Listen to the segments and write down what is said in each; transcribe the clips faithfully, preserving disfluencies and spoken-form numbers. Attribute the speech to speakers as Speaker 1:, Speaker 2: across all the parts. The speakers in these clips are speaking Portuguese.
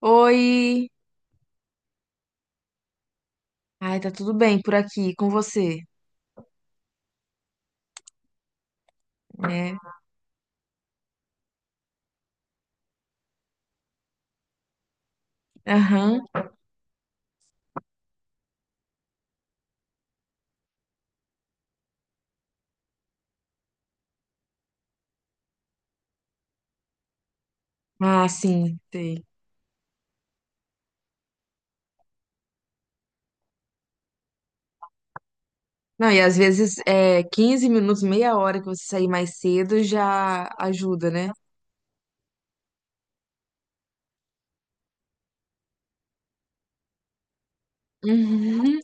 Speaker 1: Oi! Ai, tá tudo bem por aqui com você, né? Aham. Ah, sim, sei. Não, e às vezes é quinze minutos, meia hora que você sair mais cedo já ajuda, né? Uhum.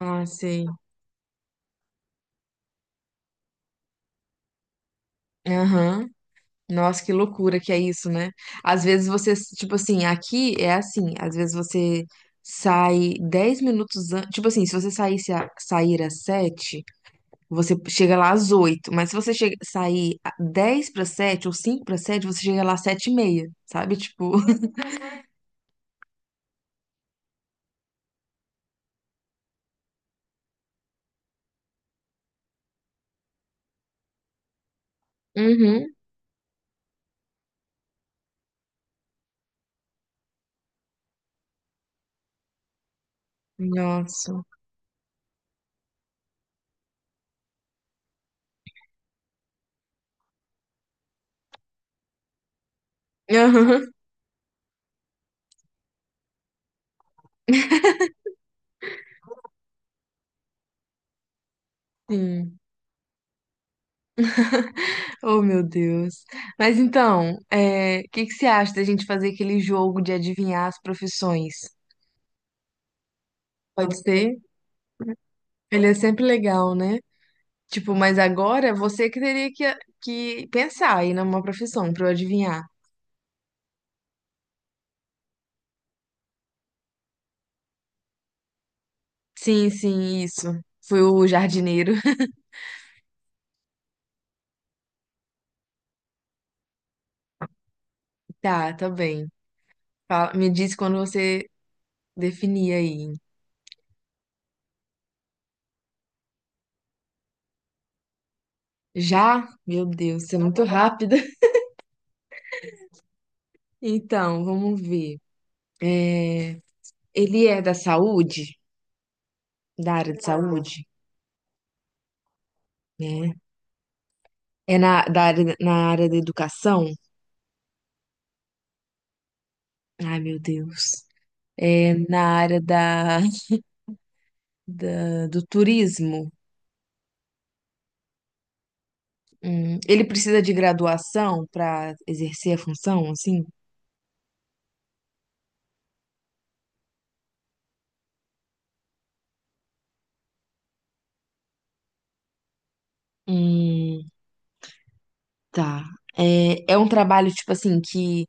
Speaker 1: Ah, sei. Aham. Nossa, que loucura que é isso, né? Às vezes você, tipo assim, aqui é assim, às vezes você sai dez minutos antes, tipo assim, se você saísse a, sair às sete. Você chega lá às oito, mas se você chega, sair a- dez para sete ou cinco para sete, você chega lá às sete e meia, sabe? Tipo, Uhum. Nossa. Aham. Sim. Oh, meu Deus. Mas então, é, o que que você acha da gente fazer aquele jogo de adivinhar as profissões? Pode ser? Ele é sempre legal, né? Tipo, mas agora você que teria que, que pensar aí numa profissão pra eu adivinhar. Sim, sim, isso. Fui o jardineiro. Tá, tá bem. Fala- me diz quando você definir aí. Já? Meu Deus, você é muito rápida. Então, vamos ver. É, ele é da saúde? Da área de saúde? Né? É na, da área, na área da educação? Ai, meu Deus. É na área da, da- do turismo? Hum, ele precisa de graduação para exercer a função, assim? Hum, tá. É, é um trabalho, tipo assim, que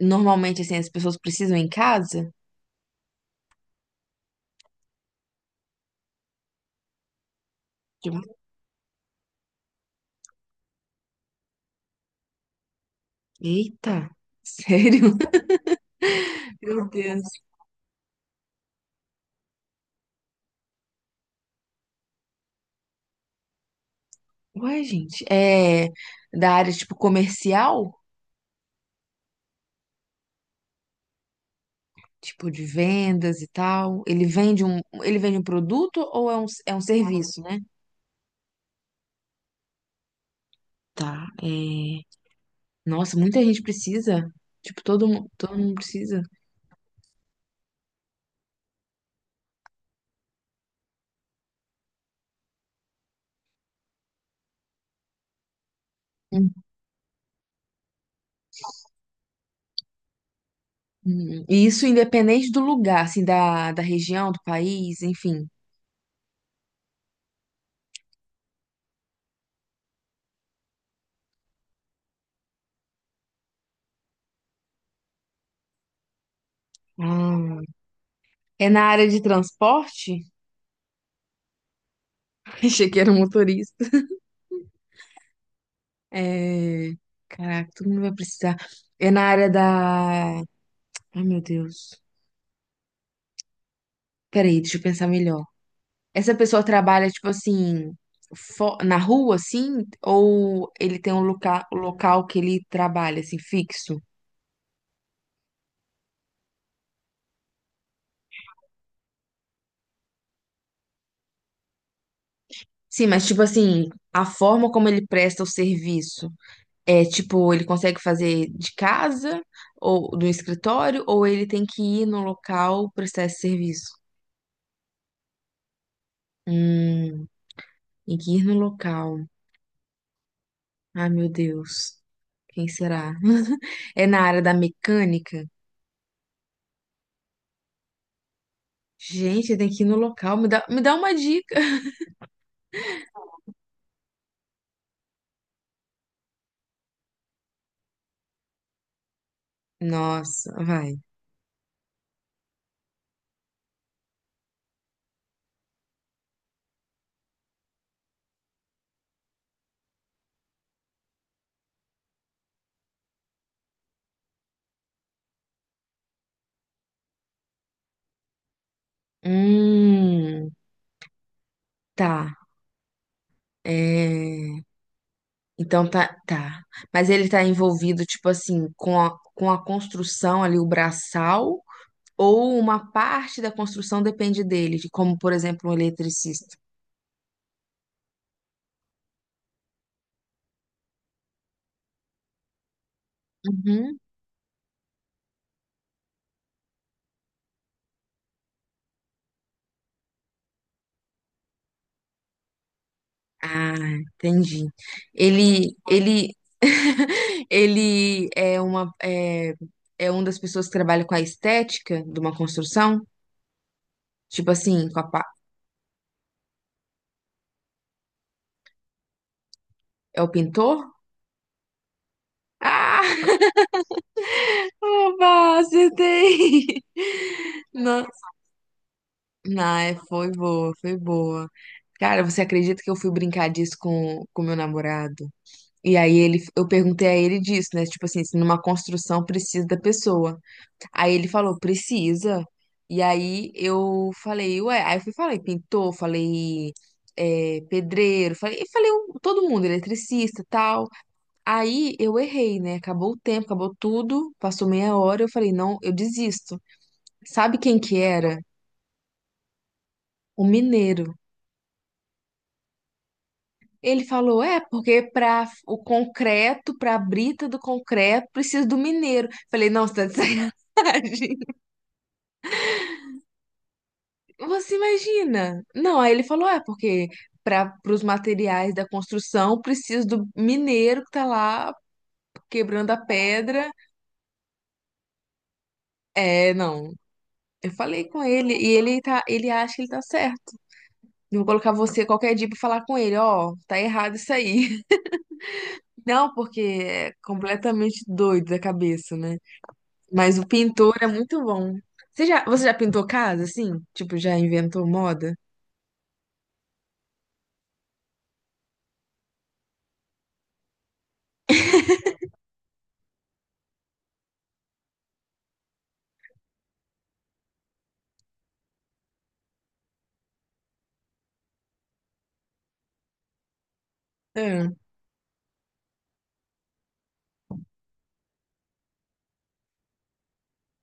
Speaker 1: normalmente assim, as pessoas precisam em casa? De uma- Eita, sério? Meu Deus. Ué, gente, é da área tipo comercial, tipo de vendas e tal. Ele vende um, ele vende um produto ou é um, é um serviço, né? Tá. É... Nossa, muita gente precisa. Tipo, todo mundo, todo mundo precisa. Hum, hum. hum. E isso independente do lugar, assim, da, da região, do país, enfim. Ah, é na área de transporte? Achei que era um motorista. É... Caraca, todo mundo vai precisar. É na área da. Ai, meu Deus. Peraí, deixa eu pensar melhor. Essa pessoa trabalha, tipo assim, fo- na rua, assim? Ou ele tem um loca... local que ele trabalha, assim, fixo? Sim, mas, tipo assim, a forma como ele presta o serviço é, tipo, ele consegue fazer de casa ou do escritório? Ou ele tem que ir no local prestar esse serviço? Hum, tem que ir no local. Ai, meu Deus. Quem será? É na área da mecânica? Gente, tem que ir no local. Me dá, me dá uma dica. Nossa, vai. Hum, tá. É. Então tá, tá. Mas ele tá envolvido, tipo assim, com a, com a construção ali, o braçal, ou uma parte da construção depende dele, de como, por exemplo, um eletricista. Uhum. Ah, entendi. Ele, ele, ele é uma, é, é uma das pessoas que trabalha com a estética de uma construção? Tipo assim, com a, pa- é o pintor? Ah, oba, acertei! Não, não, é- foi boa, foi boa. Cara, você acredita que eu fui brincar disso com com meu namorado? E aí ele, eu perguntei a ele disso, né? Tipo assim, se numa construção precisa da pessoa. Aí ele falou, precisa. E aí eu falei, ué, aí eu fui, falei, pintor, falei, é, pedreiro, falei, e falei um- todo mundo, eletricista, tal. Aí eu errei, né? Acabou o tempo, acabou tudo, passou meia hora, eu falei, não, eu desisto. Sabe quem que era? O mineiro. Ele falou, é, porque para o concreto, para a brita do concreto, precisa do mineiro. Falei, não, você tá de sacanagem. Você imagina? Não, aí ele falou, é porque para os materiais da construção precisa do mineiro que tá lá quebrando a pedra. É, não. Eu falei com ele e ele tá, ele acha que ele tá certo. Eu vou colocar você qualquer dia pra falar com ele, ó, tá errado isso aí. Não, porque é completamente doido da cabeça, né? Mas o pintor é muito bom. Você já, você já pintou casa, assim? Tipo, já inventou moda? É,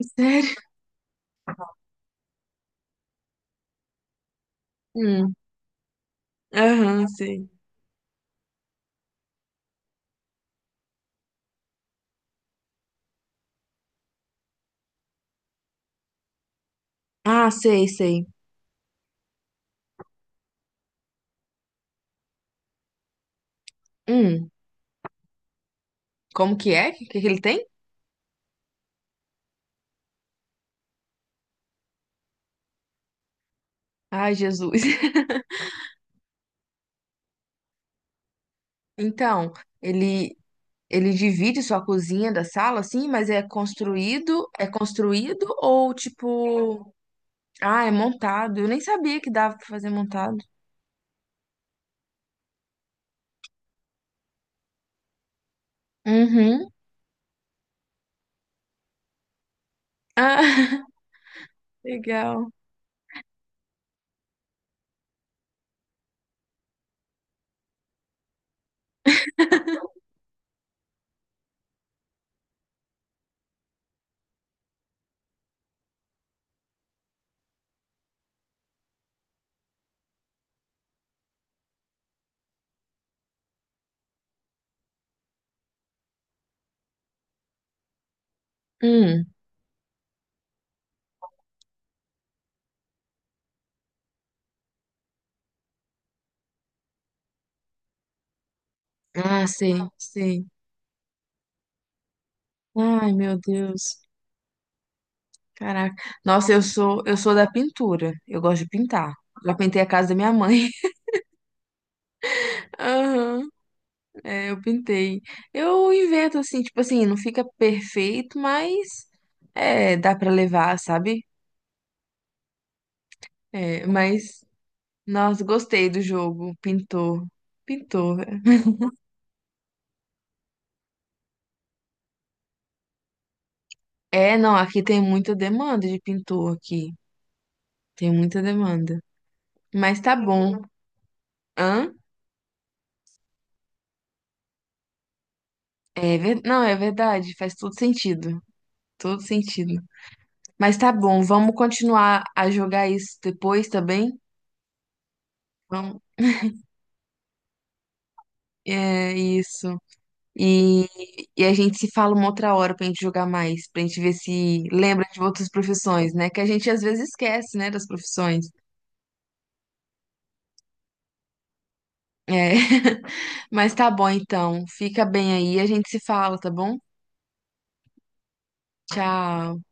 Speaker 1: sério? Hum, aham, sei. Ah, sei, sei. Hum, como que é? O que que ele tem? Ai, Jesus. Então, ele ele divide sua cozinha da sala, assim, mas é construído, é construído ou tipo, ah, é montado? Eu nem sabia que dava pra fazer montado. Uhum. Ah, legal. Hum. Ah, sei, sei. Ai, meu Deus. Caraca. Nossa, eu sou eu sou da pintura. Eu gosto de pintar. Já pintei a casa da minha mãe. Aham. É, eu pintei. Eu invento assim, tipo assim, não fica perfeito, mas é, dá pra levar, sabe? É, mas, nossa, gostei do jogo. Pintor. Pintor. É, não, aqui tem muita demanda de pintor aqui. Tem muita demanda. Mas tá bom. Hã? É, ver- não, é verdade, faz todo sentido. Todo sentido. Mas tá bom, vamos continuar a jogar isso depois, tá bem? Vamos. É isso. E, e a gente se fala uma outra hora pra gente jogar mais, pra gente ver se lembra de outras profissões, né? Que a gente às vezes esquece, né, das profissões. É. Mas tá bom então. Fica bem aí, a gente se fala, tá bom? Tchau.